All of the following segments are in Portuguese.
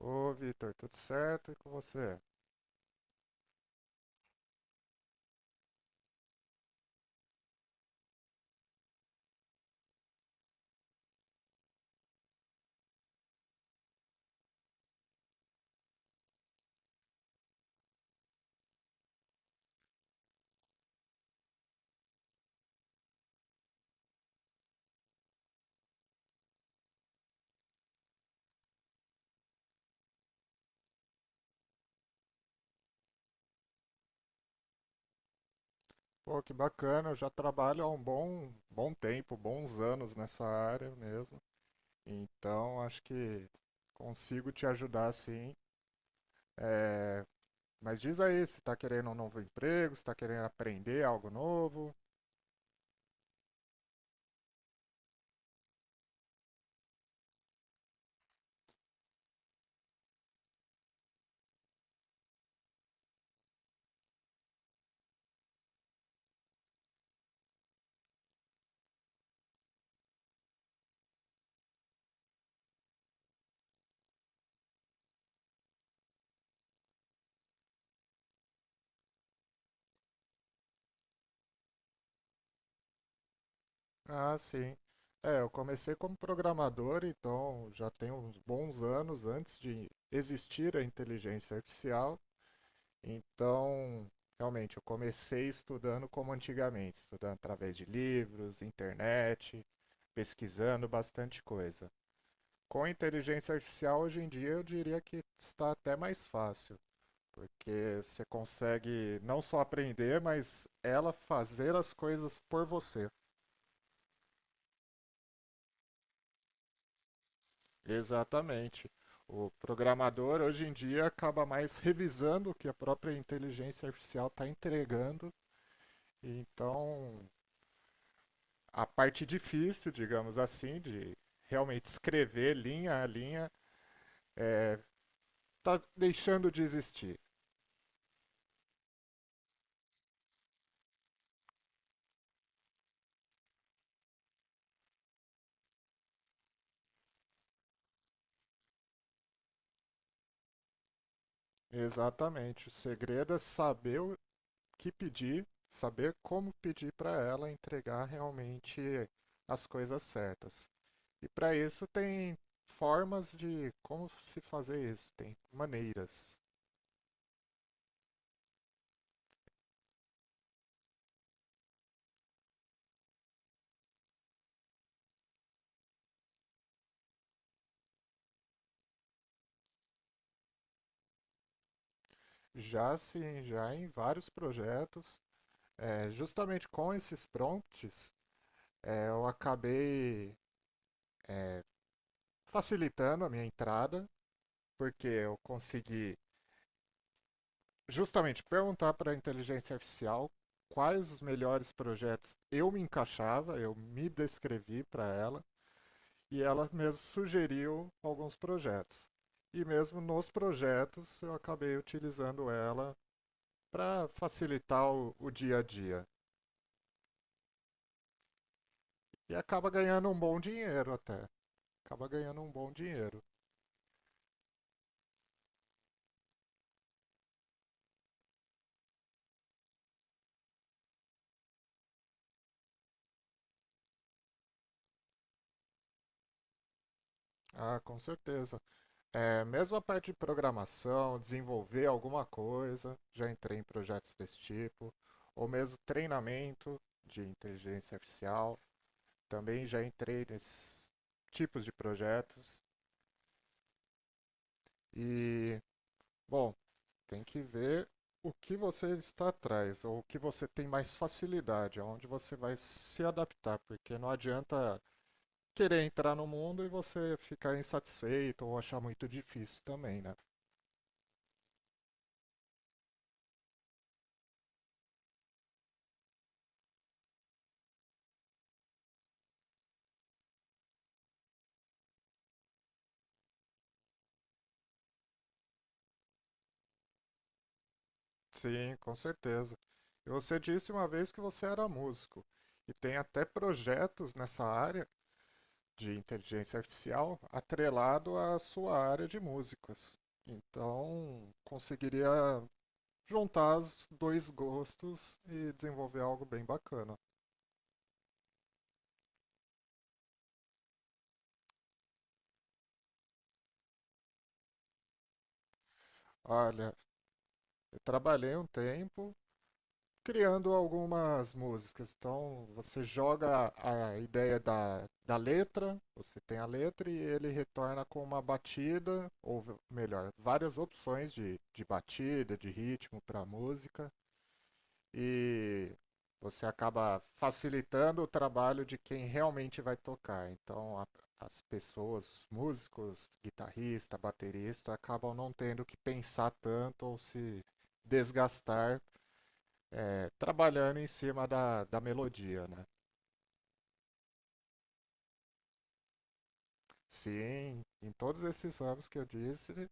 Ô, Vitor, tudo certo? E com você? Pô, que bacana, eu já trabalho há um bom tempo, bons anos nessa área mesmo. Então, acho que consigo te ajudar sim. Mas diz aí, se está querendo um novo emprego, se está querendo aprender algo novo. Ah, sim. É, eu comecei como programador, então já tem uns bons anos antes de existir a inteligência artificial. Então, realmente, eu comecei estudando como antigamente, estudando através de livros, internet, pesquisando bastante coisa. Com a inteligência artificial, hoje em dia, eu diria que está até mais fácil, porque você consegue não só aprender, mas ela fazer as coisas por você. Exatamente. O programador, hoje em dia, acaba mais revisando o que a própria inteligência artificial está entregando. Então, a parte difícil, digamos assim, de realmente escrever linha a linha, está é, tá deixando de existir. Exatamente. O segredo é saber o que pedir, saber como pedir para ela entregar realmente as coisas certas. E para isso tem formas de como se fazer isso, tem maneiras. Já sim, já em vários projetos, é, justamente com esses prompts, é, eu acabei facilitando a minha entrada, porque eu consegui justamente perguntar para a inteligência artificial quais os melhores projetos eu me encaixava, eu me descrevi para ela e ela mesmo sugeriu alguns projetos. E mesmo nos projetos eu acabei utilizando ela para facilitar o dia a dia. E acaba ganhando um bom dinheiro até. Acaba ganhando um bom dinheiro. Ah, com certeza. É, mesmo a parte de programação, desenvolver alguma coisa, já entrei em projetos desse tipo, ou mesmo treinamento de inteligência artificial, também já entrei nesses tipos de projetos. E, bom, tem que ver o que você está atrás, ou o que você tem mais facilidade, aonde você vai se adaptar, porque não adianta querer entrar no mundo e você ficar insatisfeito ou achar muito difícil também, né? Sim, com certeza. E você disse uma vez que você era músico e tem até projetos nessa área de inteligência artificial atrelado à sua área de músicas. Então, conseguiria juntar os dois gostos e desenvolver algo bem bacana. Olha, eu trabalhei um tempo criando algumas músicas. Então, você joga a ideia da letra, você tem a letra e ele retorna com uma batida, ou melhor, várias opções de batida, de ritmo para a música. E você acaba facilitando o trabalho de quem realmente vai tocar. Então, as pessoas, músicos, guitarrista, baterista, acabam não tendo que pensar tanto ou se desgastar é, trabalhando em cima da melodia, né? Sim, em todos esses anos que eu disse,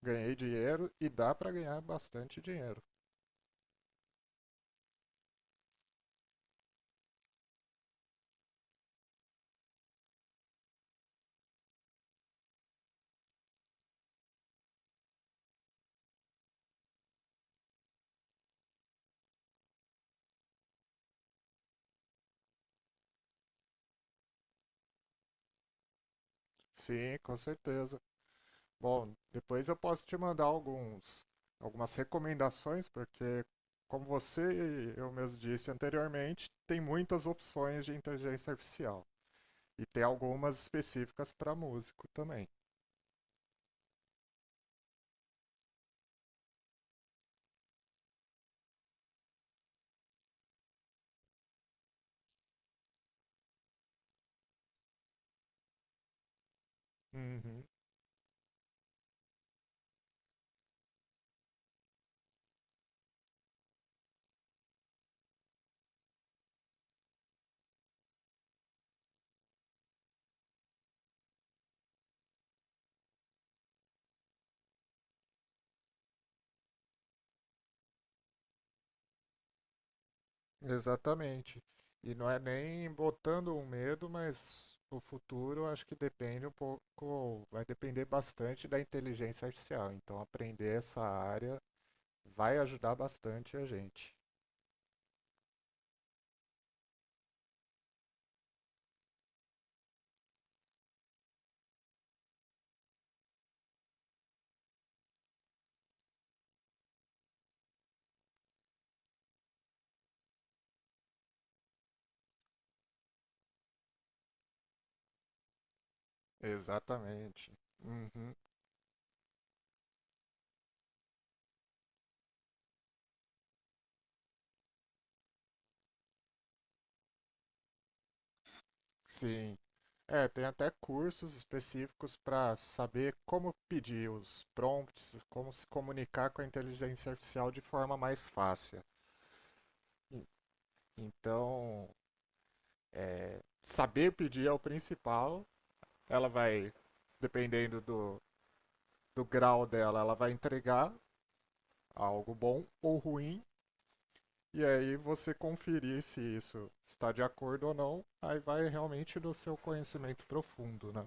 ganhei dinheiro e dá para ganhar bastante dinheiro. Sim, com certeza. Bom, depois eu posso te mandar alguns, algumas recomendações, porque como você e eu mesmo disse anteriormente, tem muitas opções de inteligência artificial e tem algumas específicas para músico também. Uhum. Exatamente. E não é nem botando um medo, mas o futuro acho que depende um pouco, vai depender bastante da inteligência artificial. Então aprender essa área vai ajudar bastante a gente. Exatamente. Uhum. Sim. É, tem até cursos específicos para saber como pedir os prompts, como se comunicar com a inteligência artificial de forma mais fácil. E- Então, saber pedir é o principal. Ela vai, dependendo do grau dela, ela vai entregar algo bom ou ruim. E aí você conferir se isso está de acordo ou não, aí vai realmente do seu conhecimento profundo, né?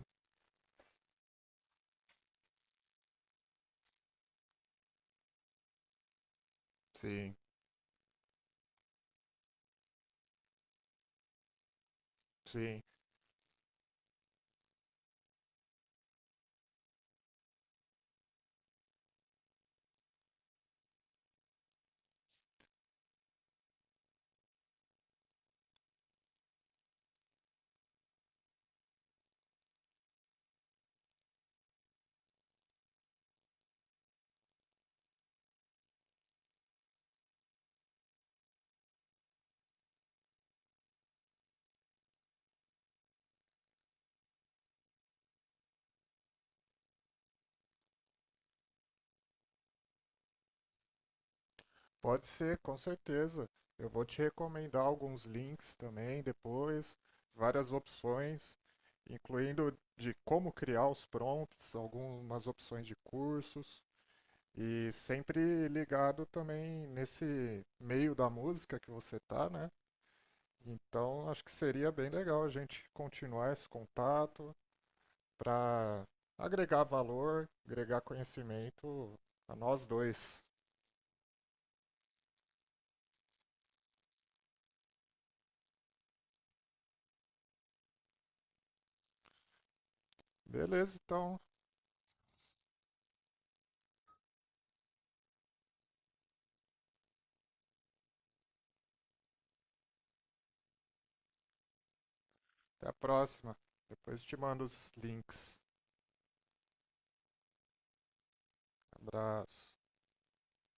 Sim, sim. Pode ser, com certeza. Eu vou te recomendar alguns links também depois, várias opções, incluindo de como criar os prompts, algumas opções de cursos. E sempre ligado também nesse meio da música que você tá, né? Então acho que seria bem legal a gente continuar esse contato para agregar valor, agregar conhecimento a nós dois. Beleza, então, até a próxima. Depois te mando os links. Abraço.